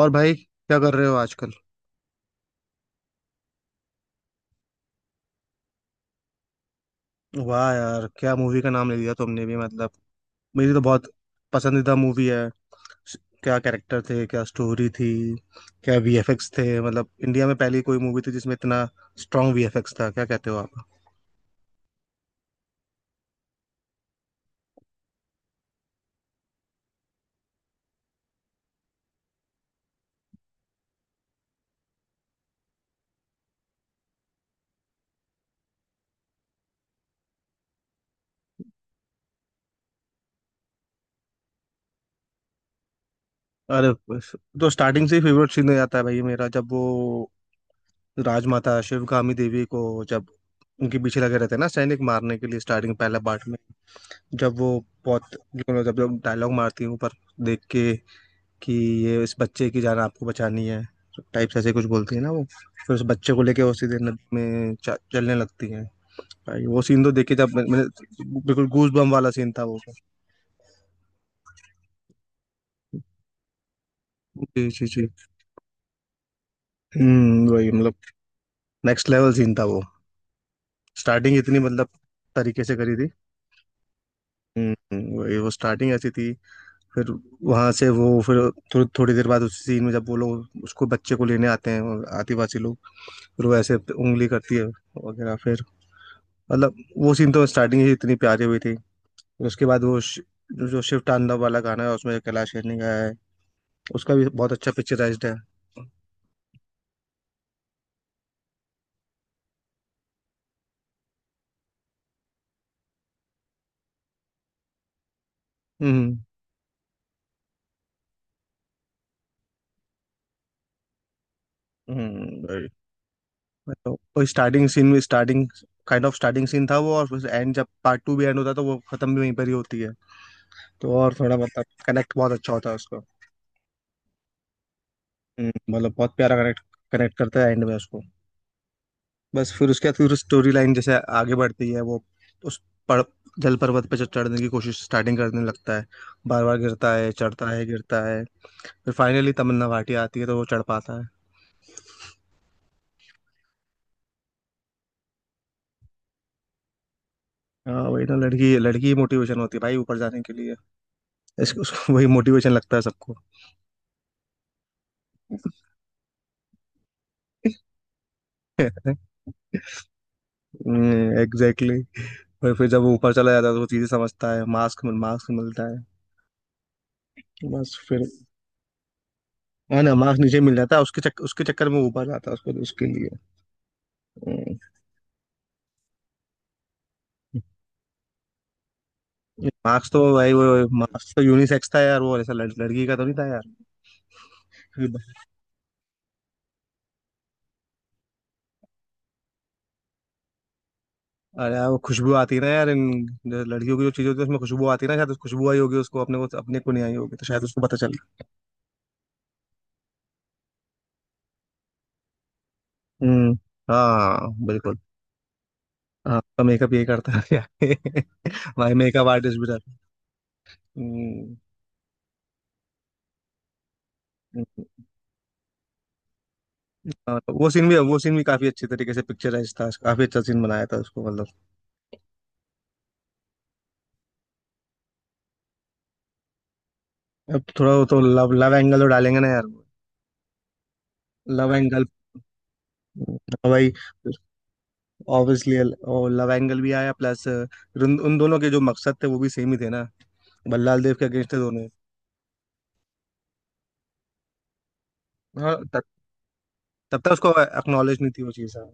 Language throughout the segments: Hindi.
और भाई क्या कर रहे हो आजकल। वाह यार, क्या मूवी का नाम ले लिया तुमने भी। मतलब मेरी तो बहुत पसंदीदा मूवी है। स- क्या कैरेक्टर थे, क्या स्टोरी थी, क्या वीएफएक्स थे। मतलब इंडिया में पहली कोई मूवी थी जिसमें इतना स्ट्रांग वीएफएक्स था, क्या कहते हो आप। अरे बस, तो स्टार्टिंग से ही फेवरेट सीन हो जाता है भाई मेरा। जब वो राजमाता शिवगामी देवी को, जब उनके पीछे लगे रहते हैं ना सैनिक, मारने के लिए स्टार्टिंग पहला पार्ट में, जब वो बहुत, जब जब डायलॉग मारती है ऊपर देख के कि ये इस बच्चे की जान आपको बचानी है टाइप से ऐसे कुछ बोलती है ना, वो फिर उस बच्चे को लेके वो सीधे नदी में चलने लगती है। भाई वो सीन तो देखे जब मैंने, बिल्कुल गूज बम वाला सीन था वो। जी जी जी। हम्म, वही मतलब नेक्स्ट लेवल सीन था वो। स्टार्टिंग इतनी मतलब तरीके से करी थी। हम्म, वही वो स्टार्टिंग ऐसी थी। फिर वहाँ से वो फिर थोड़ी देर बाद उसी सीन में जब वो लोग उसको, बच्चे को लेने आते हैं वो आदिवासी लोग, फिर वो ऐसे उंगली करती है वगैरह, फिर मतलब वो सीन तो स्टार्टिंग ही इतनी प्यारी हुई थी। फिर उसके बाद वो जो जो शिव तांडव वाला गाना है उसमें कैलाश खेर ने गाया है, उसका भी बहुत अच्छा पिक्चराइज्ड है। हम्म। हम्म, वही। मतलब वो स्टार्टिंग सीन में starting kind of starting scene था वो, और फिर एंड जब पार्ट टू भी एंड होता है तो वो खत्म भी वहीं पर ही होती है, तो और थोड़ा मतलब कनेक्ट बहुत अच्छा होता है उसका। मतलब बहुत प्यारा कनेक्ट, कनेक्ट करता है एंड में उसको। बस फिर उसके बाद फिर स्टोरी लाइन जैसे आगे बढ़ती है, वो उस पर जल पर्वत पे चढ़ने की कोशिश स्टार्टिंग करने लगता है, बार बार गिरता है, चढ़ता है, गिरता है। फिर फाइनली तमन्ना भाटिया आती है तो वो चढ़ पाता है। हाँ वही ना, लड़की, लड़की ही मोटिवेशन होती है भाई ऊपर जाने के लिए। इसको, उसको, वही मोटिवेशन लगता है सबको। एग्जैक्टली। और फिर जब वो ऊपर चला जाता है तो वो चीजें समझता है, मास्क, मास्क मिलता है। बस फिर, है ना, मार्क्स नीचे मिल जाता है उसके उसके चक्कर में ऊपर जाता है, उसको उसके लिए। हम्म। मार्क्स तो भाई वो, मार्क्स तो यूनिसेक्स था यार वो, ऐसा लड़की का तो नहीं था यार। अरे यार वो खुशबू आती है ना यार इन, जो लड़कियों की जो चीज होती है उसमें खुशबू आती है ना, शायद उस खुशबू आई होगी उसको, अपने को, अपने को नहीं आई होगी तो शायद उसको पता चल गया। हम्म। हाँ बिल्कुल। हाँ तो मेकअप ये करता है। भाई मेकअप आर्टिस्ट भी था। हम्म। हम्म। हाँ, वो सीन भी, वो सीन भी काफी अच्छे तरीके से पिक्चराइज था, काफी अच्छा सीन बनाया था उसको मतलब। अब थोड़ा वो तो लव, लव एंगल तो डालेंगे ना यार। लव एंगल भाई, ऑब्वियसली। और लव एंगल भी आया, प्लस उन, उन दोनों के जो मकसद थे वो भी सेम ही थे ना। बल्लाल देव के अगेंस्ट थे दोनों। हाँ, तब, तब तक उसको एक्नॉलेज नहीं थी वो चीज़, हाँ।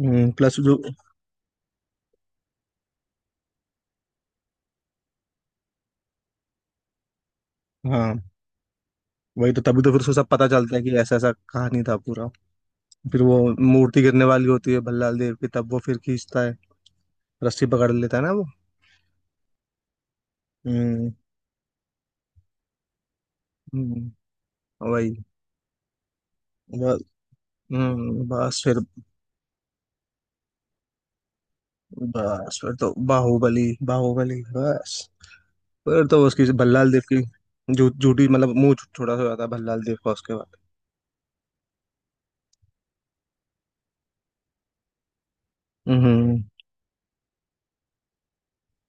हम्म, प्लस जो, हाँ वही तो, तभी तो फिर उसको सब पता चलता है कि ऐसा ऐसा कहानी था पूरा। फिर वो मूर्ति गिरने वाली होती है भल्लाल देव की, तब वो फिर खींचता है, रस्सी पकड़ लेता है ना वो। हम्म। हम्म, वही। बस। हम्म, बस फिर, बस फिर तो बाहुबली, बाहुबली, बस फिर तो उसकी, भल्लाल देव की झू झूठी, मतलब मुंह छोटा सा हो जाता है भल्लाल देव का उसके बाद। हम्म।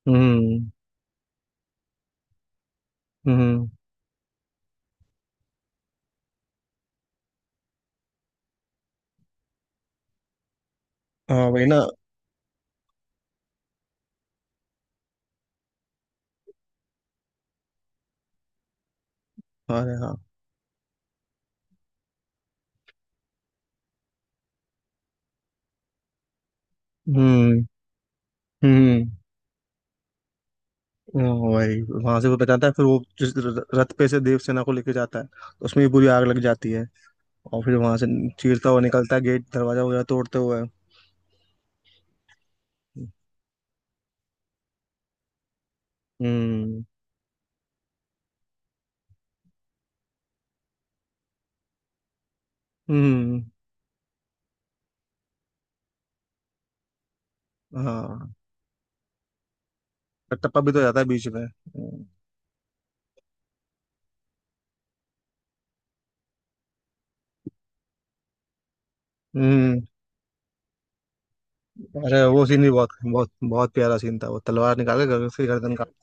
हम्म। हम्म। हाँ वही ना। अरे हाँ। हम्म। हम्म। हाँ भाई, वहां से वो बचाता है, फिर वो जिस रथ पे से देव सेना को लेके जाता है तो उसमें भी बुरी आग लग जाती है, और फिर वहां से चीरता हुआ निकलता है, गेट, दरवाजा वगैरह तोड़ते हुए। हम्म। हम्म। हाँ, कटप्पा भी तो जाता है बीच में। हम्म। अरे वो सीन भी बहुत बहुत बहुत प्यारा सीन था, वो तलवार निकाल के उसकी गर्दन काट।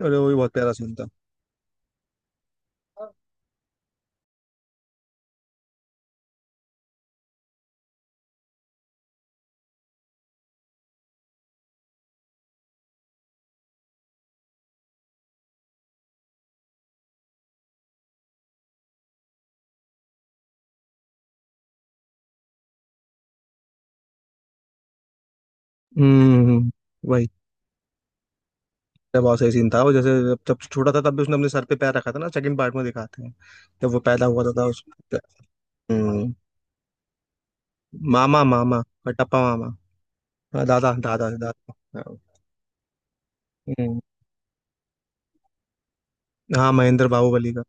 अरे वो भी बहुत प्यारा सीन था। हम्म। वही। तो बहुत सही सीन था वो, जैसे जब, जब छोटा था तब भी उसने अपने सर पे पैर रखा था ना, सेकंड पार्ट में दिखाते हैं जब वो पैदा हुआ था उस। हम्म, मामा, मामा, कटप्पा मामा। हाँ, दादा, दादा, दादा। हाँ। हम्म, हाँ, महेंद्र बाहुबली का।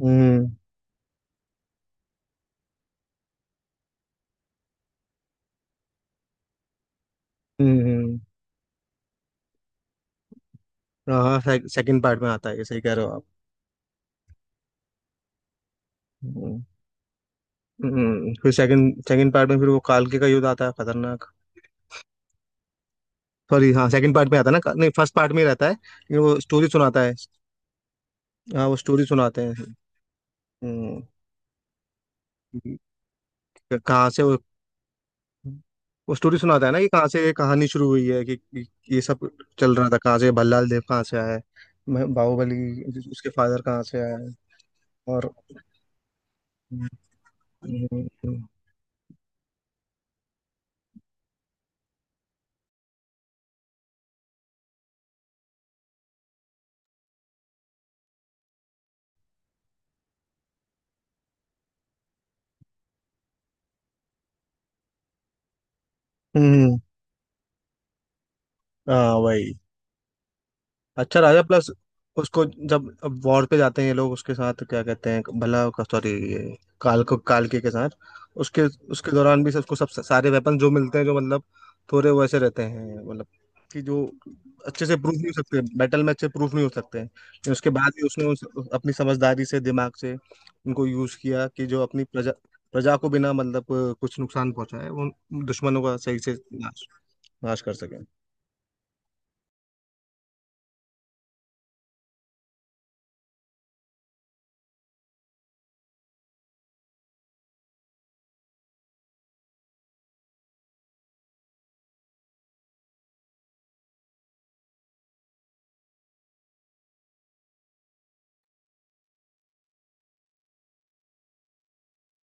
हम्म। हम्म। हम्म। हाँ हाँ, सेकंड पार्ट में आता है ये, सही कह रहे हो आप। हम्म। फिर सेकंड, सेकंड पार्ट में फिर वो कालके का युद्ध आता है खतरनाक। सॉरी हाँ, सेकंड पार्ट में आता है ना, नहीं फर्स्ट पार्ट में ही रहता है लेकिन वो स्टोरी सुनाता है। हाँ वो स्टोरी सुनाते हैं। हम्म, कि कहाँ से वो स्टोरी सुनाता है ना कि कहाँ से ये कहानी शुरू हुई है, कि ये सब चल रहा था कहाँ से, भल्लाल देव कहाँ से आया है, बाहुबली उसके फादर कहाँ से आया है। और हम्म। हम्म। हम्म। हाँ वही। अच्छा राजा प्लस, उसको जब अब वॉर पे जाते हैं ये लोग उसके साथ, क्या कहते हैं, भला का, सॉरी ये काल को, काल के साथ, उसके, उसके दौरान भी सबको सब सारे वेपन जो मिलते हैं जो मतलब थोड़े वैसे रहते हैं, मतलब कि जो अच्छे से प्रूफ नहीं हो सकते बैटल में, अच्छे प्रूफ नहीं हो सकते हैं, लेकिन उसके बाद भी उसने उस, अपनी समझदारी से, दिमाग से उनको यूज किया कि जो अपनी प्रजा, प्रजा को बिना मतलब कुछ नुकसान पहुंचाए वो दुश्मनों का सही से नाश, नाश कर सके।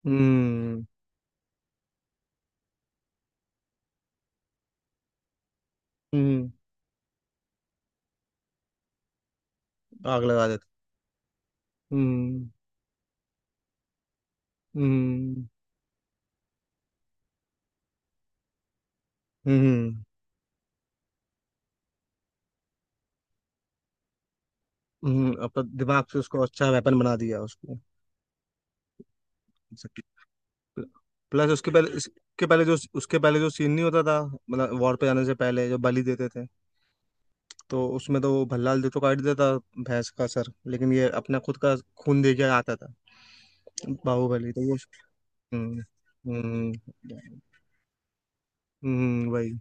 हम्म। हम्म। आग लगा देते हैं। हम्म। हम्म। हम्म। अपन दिमाग से उसको अच्छा वेपन बना दिया उसको। प्लस उसके पहले, इसके पहले जो, उसके पहले जो सीन नहीं होता था मतलब वॉर पे जाने से पहले जो बलि देते थे, तो उसमें तो वो भल्लाल जो तो काट देता भैंस का सर, लेकिन ये अपना खुद का खून दे के आता था बाहुबली, तो वो। हम्म। हम्म। वही।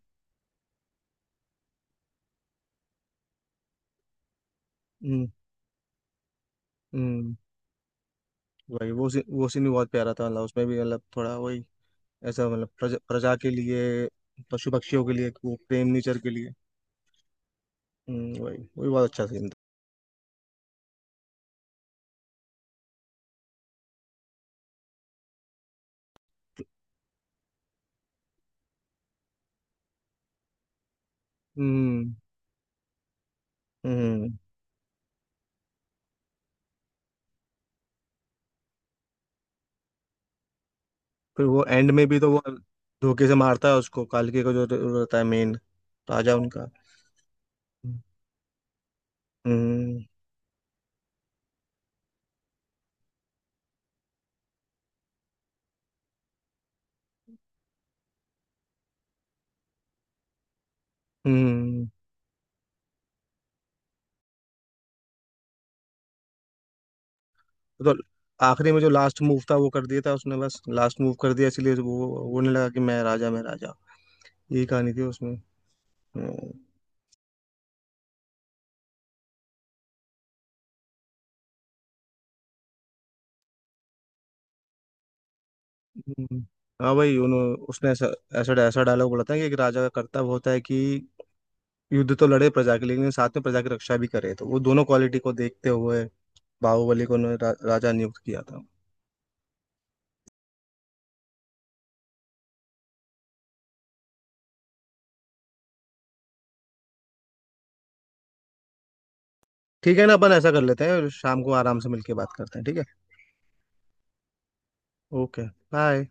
हम्म। हम्म, वही वो सीन, वो सीन भी बहुत प्यारा था, मतलब उसमें भी मतलब थोड़ा वही ऐसा, मतलब प्रजा, प्रजा के लिए, पशु पक्षियों के लिए वो प्रेम, नेचर के लिए। हम्म, वही वही, बहुत अच्छा सीन था। हम्म। हम्म। फिर वो एंड में भी तो वो धोखे से मारता है उसको, कालके का जो रहता है मेन राजा उनका। हम्म। हम्म। तो आखिरी में जो लास्ट मूव था वो कर दिया था उसने, बस लास्ट मूव कर दिया इसलिए वो नहीं लगा कि मैं राजा, मैं राजा, यही कहानी थी उसमें। हम्म। हम्म। हाँ भाई उन्होंने, उसने ऐसा, ऐसा ऐसा डायलॉग बोला था कि एक राजा का कर्तव्य होता है कि युद्ध तो लड़े प्रजा के लिए, लेकिन साथ में प्रजा की रक्षा भी करे, तो वो दोनों क्वालिटी को देखते हुए बाहुबली को उन्होंने राजा नियुक्त किया था। ठीक है ना, अपन ऐसा कर लेते हैं, शाम को आराम से मिलके बात करते हैं, ठीक है। ओके। बाय।